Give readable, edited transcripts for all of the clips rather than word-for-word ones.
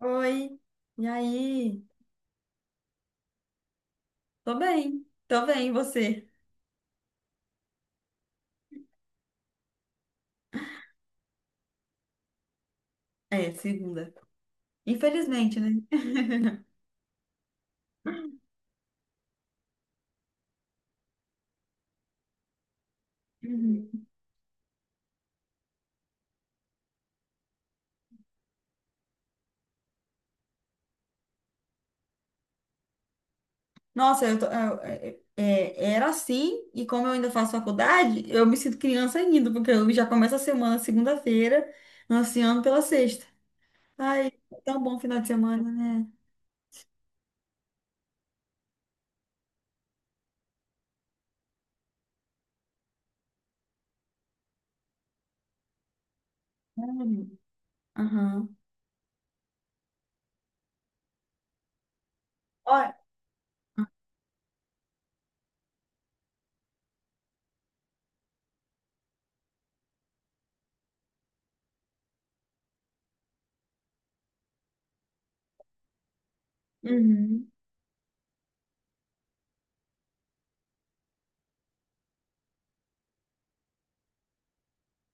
Oi, e aí? Tô bem, e você? É, segunda. Infelizmente, né? Uhum. Nossa, eu tô- eu- é- é, era assim, e como eu ainda faço faculdade, eu me sinto criança ainda, porque eu já começo a semana segunda-feira, ansiando pela sexta. Ai, é tão bom final de semana, né? Sério? Aham. Olha. Uhum.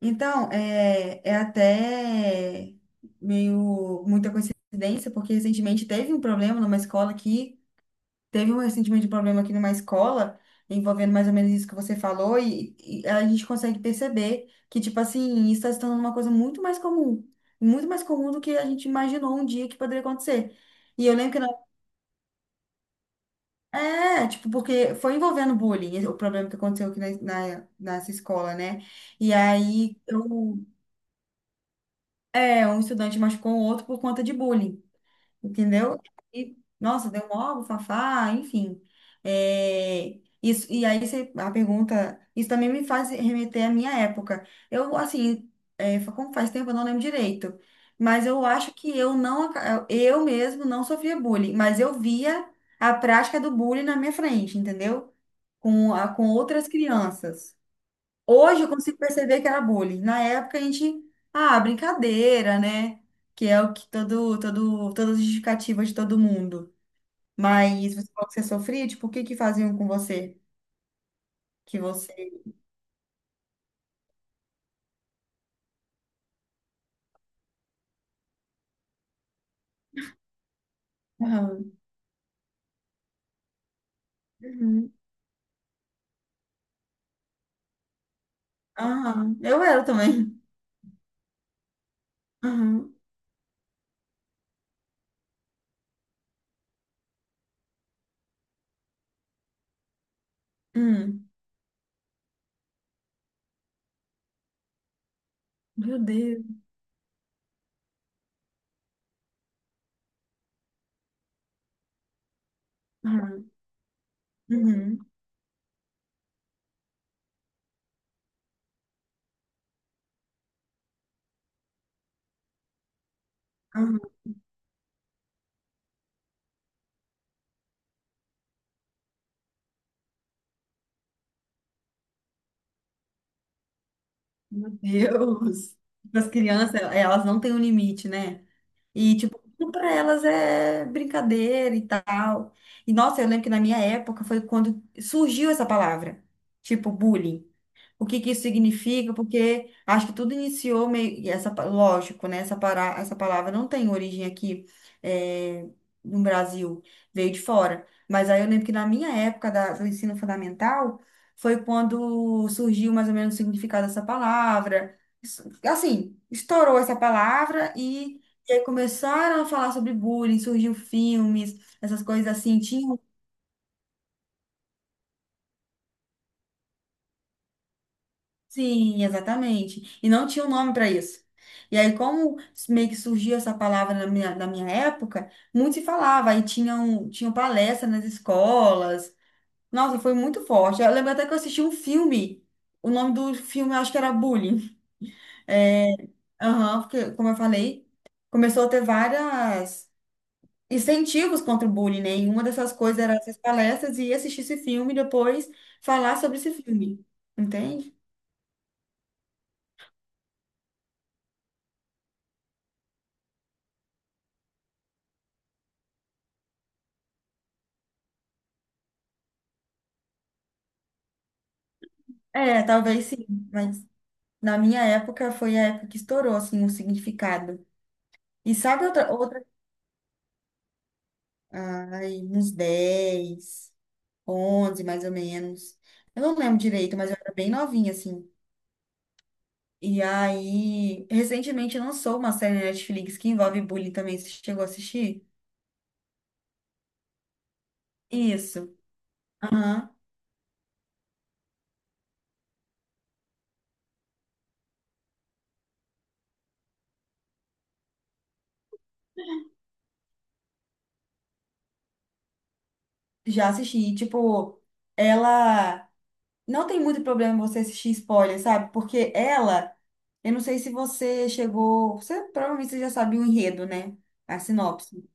Então, é até meio muita coincidência, porque recentemente teve um problema numa escola aqui, teve um recentemente um problema aqui numa escola, envolvendo mais ou menos isso que você falou, e a gente consegue perceber que, tipo assim, isso está se tornando uma coisa muito mais comum do que a gente imaginou um dia que poderia acontecer. E eu lembro que não. É, tipo, porque foi envolvendo bullying, o problema que aconteceu aqui nessa escola, né? E aí eu. É, um estudante machucou o outro por conta de bullying, entendeu? E, nossa, deu mó fafá, enfim. É, isso, e aí você, a pergunta, isso também me faz remeter à minha época. Eu, assim, como faz tempo eu não lembro direito, mas eu acho que eu não, eu mesmo não sofria bullying, mas eu via a prática do bullying na minha frente, entendeu? Com outras crianças. Hoje eu consigo perceber que era bullying. Na época a gente, ah, brincadeira, né? Que é o que todas as justificativa de todo mundo. Mas você falou que você sofria, tipo, o que que faziam com você? Que você. Aham, uhum, aham. Eu era também. Aham. Hum. Meu Deus. Aham, uhum, aham. Meu Deus. As crianças, elas não têm um limite, né? E, tipo, tudo pra elas é brincadeira e tal. E, nossa, eu lembro que na minha época foi quando surgiu essa palavra, tipo, bullying, o que que isso significa, porque acho que tudo iniciou meio, e essa, lógico, né? Essa palavra não tem origem aqui, eh, no Brasil, veio de fora. Mas aí eu lembro que na minha época do ensino fundamental foi quando surgiu mais ou menos o significado dessa palavra. Assim, estourou essa palavra e aí começaram a falar sobre bullying, surgiu filmes, essas coisas assim. Tinha. Sim, exatamente. E não tinha um nome para isso. E aí, como meio que surgiu essa palavra na minha época, muito se falava. Aí tinham palestra nas escolas. Nossa, foi muito forte. Eu lembro até que eu assisti um filme. O nome do filme, eu acho que era Bullying. É. Aham. Porque, como eu falei, começou a ter várias incentivos contra o bullying, né? E uma dessas coisas era essas palestras e assistir esse filme e depois falar sobre esse filme. Entende? É, talvez sim, mas. Na minha época, foi a época que estourou, assim, o significado. E sabe outra. Ai, uns 10 11 mais ou menos. Eu não lembro direito, mas eu era bem novinha, assim. E aí, recentemente lançou uma série na Netflix que envolve bullying também. Você chegou a assistir? Isso. Aham. Já assisti. Tipo, ela. Não tem muito problema você assistir spoiler, sabe? Porque ela. Eu não sei se você chegou. Você provavelmente você já sabia o enredo, né? A sinopse.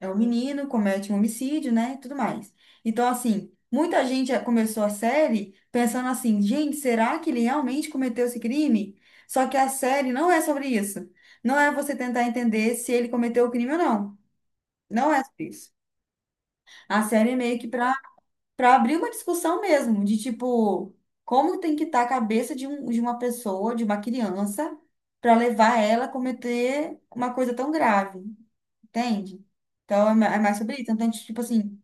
É o menino, comete um homicídio, né? Tudo mais. Então, assim, muita gente já começou a série pensando assim, gente, será que ele realmente cometeu esse crime? Só que a série não é sobre isso. Não é você tentar entender se ele cometeu o crime ou não. Não é sobre isso. A série é meio que para abrir uma discussão mesmo, de tipo, como tem que estar a cabeça de uma pessoa, de uma criança, para levar ela a cometer uma coisa tão grave, entende? Então, é mais sobre isso. Então, tipo assim.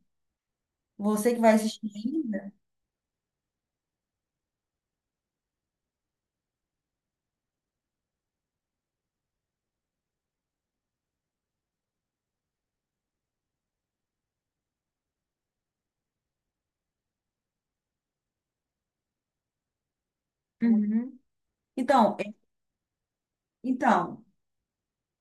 Você que vai assistir ainda? Uhum. Então, é- então,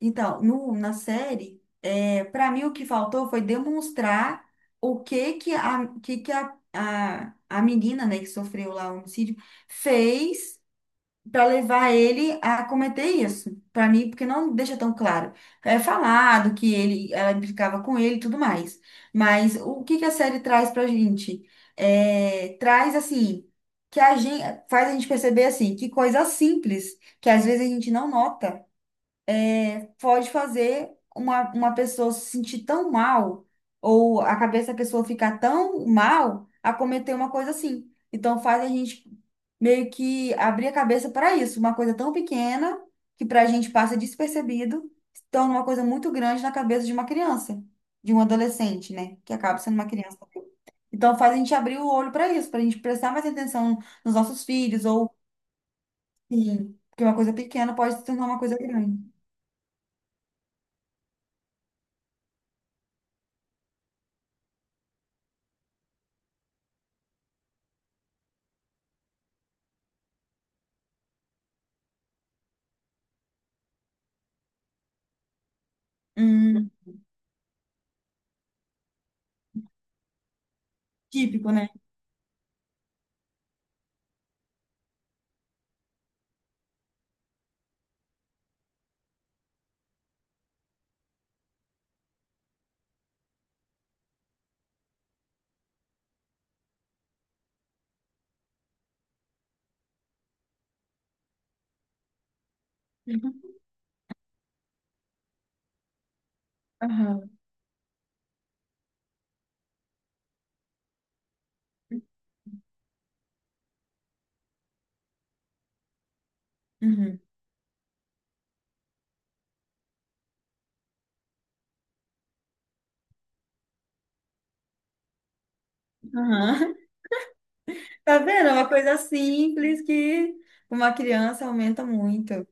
então, no, na série, para mim o que faltou foi demonstrar o que que a menina, né, que sofreu lá o homicídio, fez para levar ele a cometer isso, para mim, porque não deixa tão claro. É falado que ele, ela implicava com ele e tudo mais. Mas o que que a série traz pra gente? É, traz assim, que a gente faz a gente perceber assim, que coisa simples, que às vezes a gente não nota, pode fazer uma pessoa se sentir tão mal, ou a cabeça da pessoa ficar tão mal a cometer uma coisa assim. Então faz a gente meio que abrir a cabeça para isso, uma coisa tão pequena que para a gente passa despercebido, se torna uma coisa muito grande na cabeça de uma criança, de um adolescente, né, que acaba sendo uma criança. Então faz a gente abrir o olho para isso, para a gente prestar mais atenção nos nossos filhos ou. Sim, porque uma coisa pequena pode se tornar uma coisa grande. Hum, típico, né? Aham. Uhum. Aham. Tá vendo? É uma coisa simples que uma criança aumenta muito.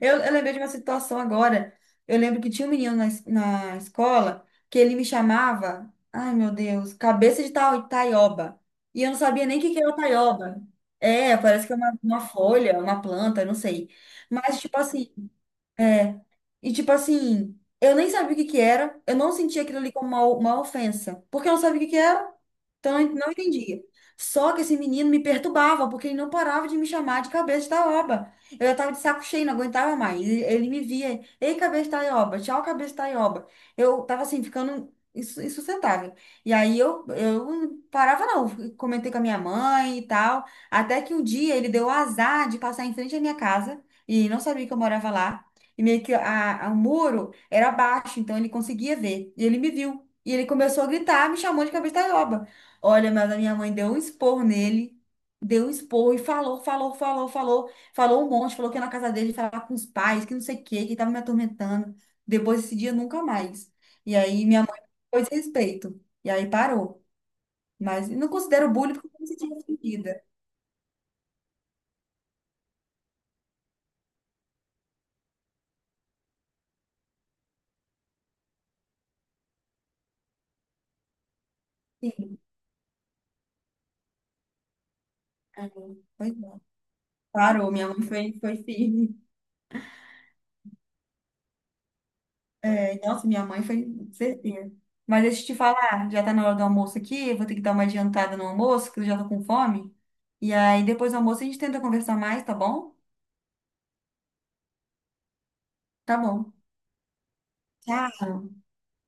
Eu lembrei de uma situação agora. Eu lembro que tinha um menino na escola que ele me chamava, ai meu Deus, cabeça de taioba. E eu não sabia nem o que que era taioba. É, parece que é uma folha, uma planta, eu não sei. Mas, tipo assim, é. E, tipo assim, eu nem sabia o que que era, eu não sentia aquilo ali como uma ofensa, porque eu não sabia o que que era. Então, eu não entendia. Só que esse menino me perturbava, porque ele não parava de me chamar de cabeça da oba. Eu já estava de saco cheio, não aguentava mais. Ele me via, ei, cabeça da oba, tchau, cabeça da oba. Eu estava assim, ficando insustentável. E aí eu não parava, não. Comentei com a minha mãe e tal. Até que um dia ele deu o azar de passar em frente à minha casa, e não sabia que eu morava lá. E meio que o muro era baixo, então ele conseguia ver. E ele me viu. E ele começou a gritar, me chamou de cabeça da. Olha, mas a minha mãe deu um expor nele, deu um expor e falou, falou, falou, falou, falou um monte, falou que ia na casa dele falar com os pais, que não sei o quê, que tava me atormentando. Depois desse dia, nunca mais. E aí minha mãe pôs respeito. E aí parou. Mas não considero bullying porque eu não me sentia ofendida. Sim. Aí. Pois é. Parou, minha mãe foi firme. É, nossa, minha mãe foi certeira. Mas deixa eu te falar, já tá na hora do almoço aqui, eu vou ter que dar uma adiantada no almoço, que eu já tô com fome. E aí, depois do almoço, a gente tenta conversar mais, tá bom? Tá bom. Tchau.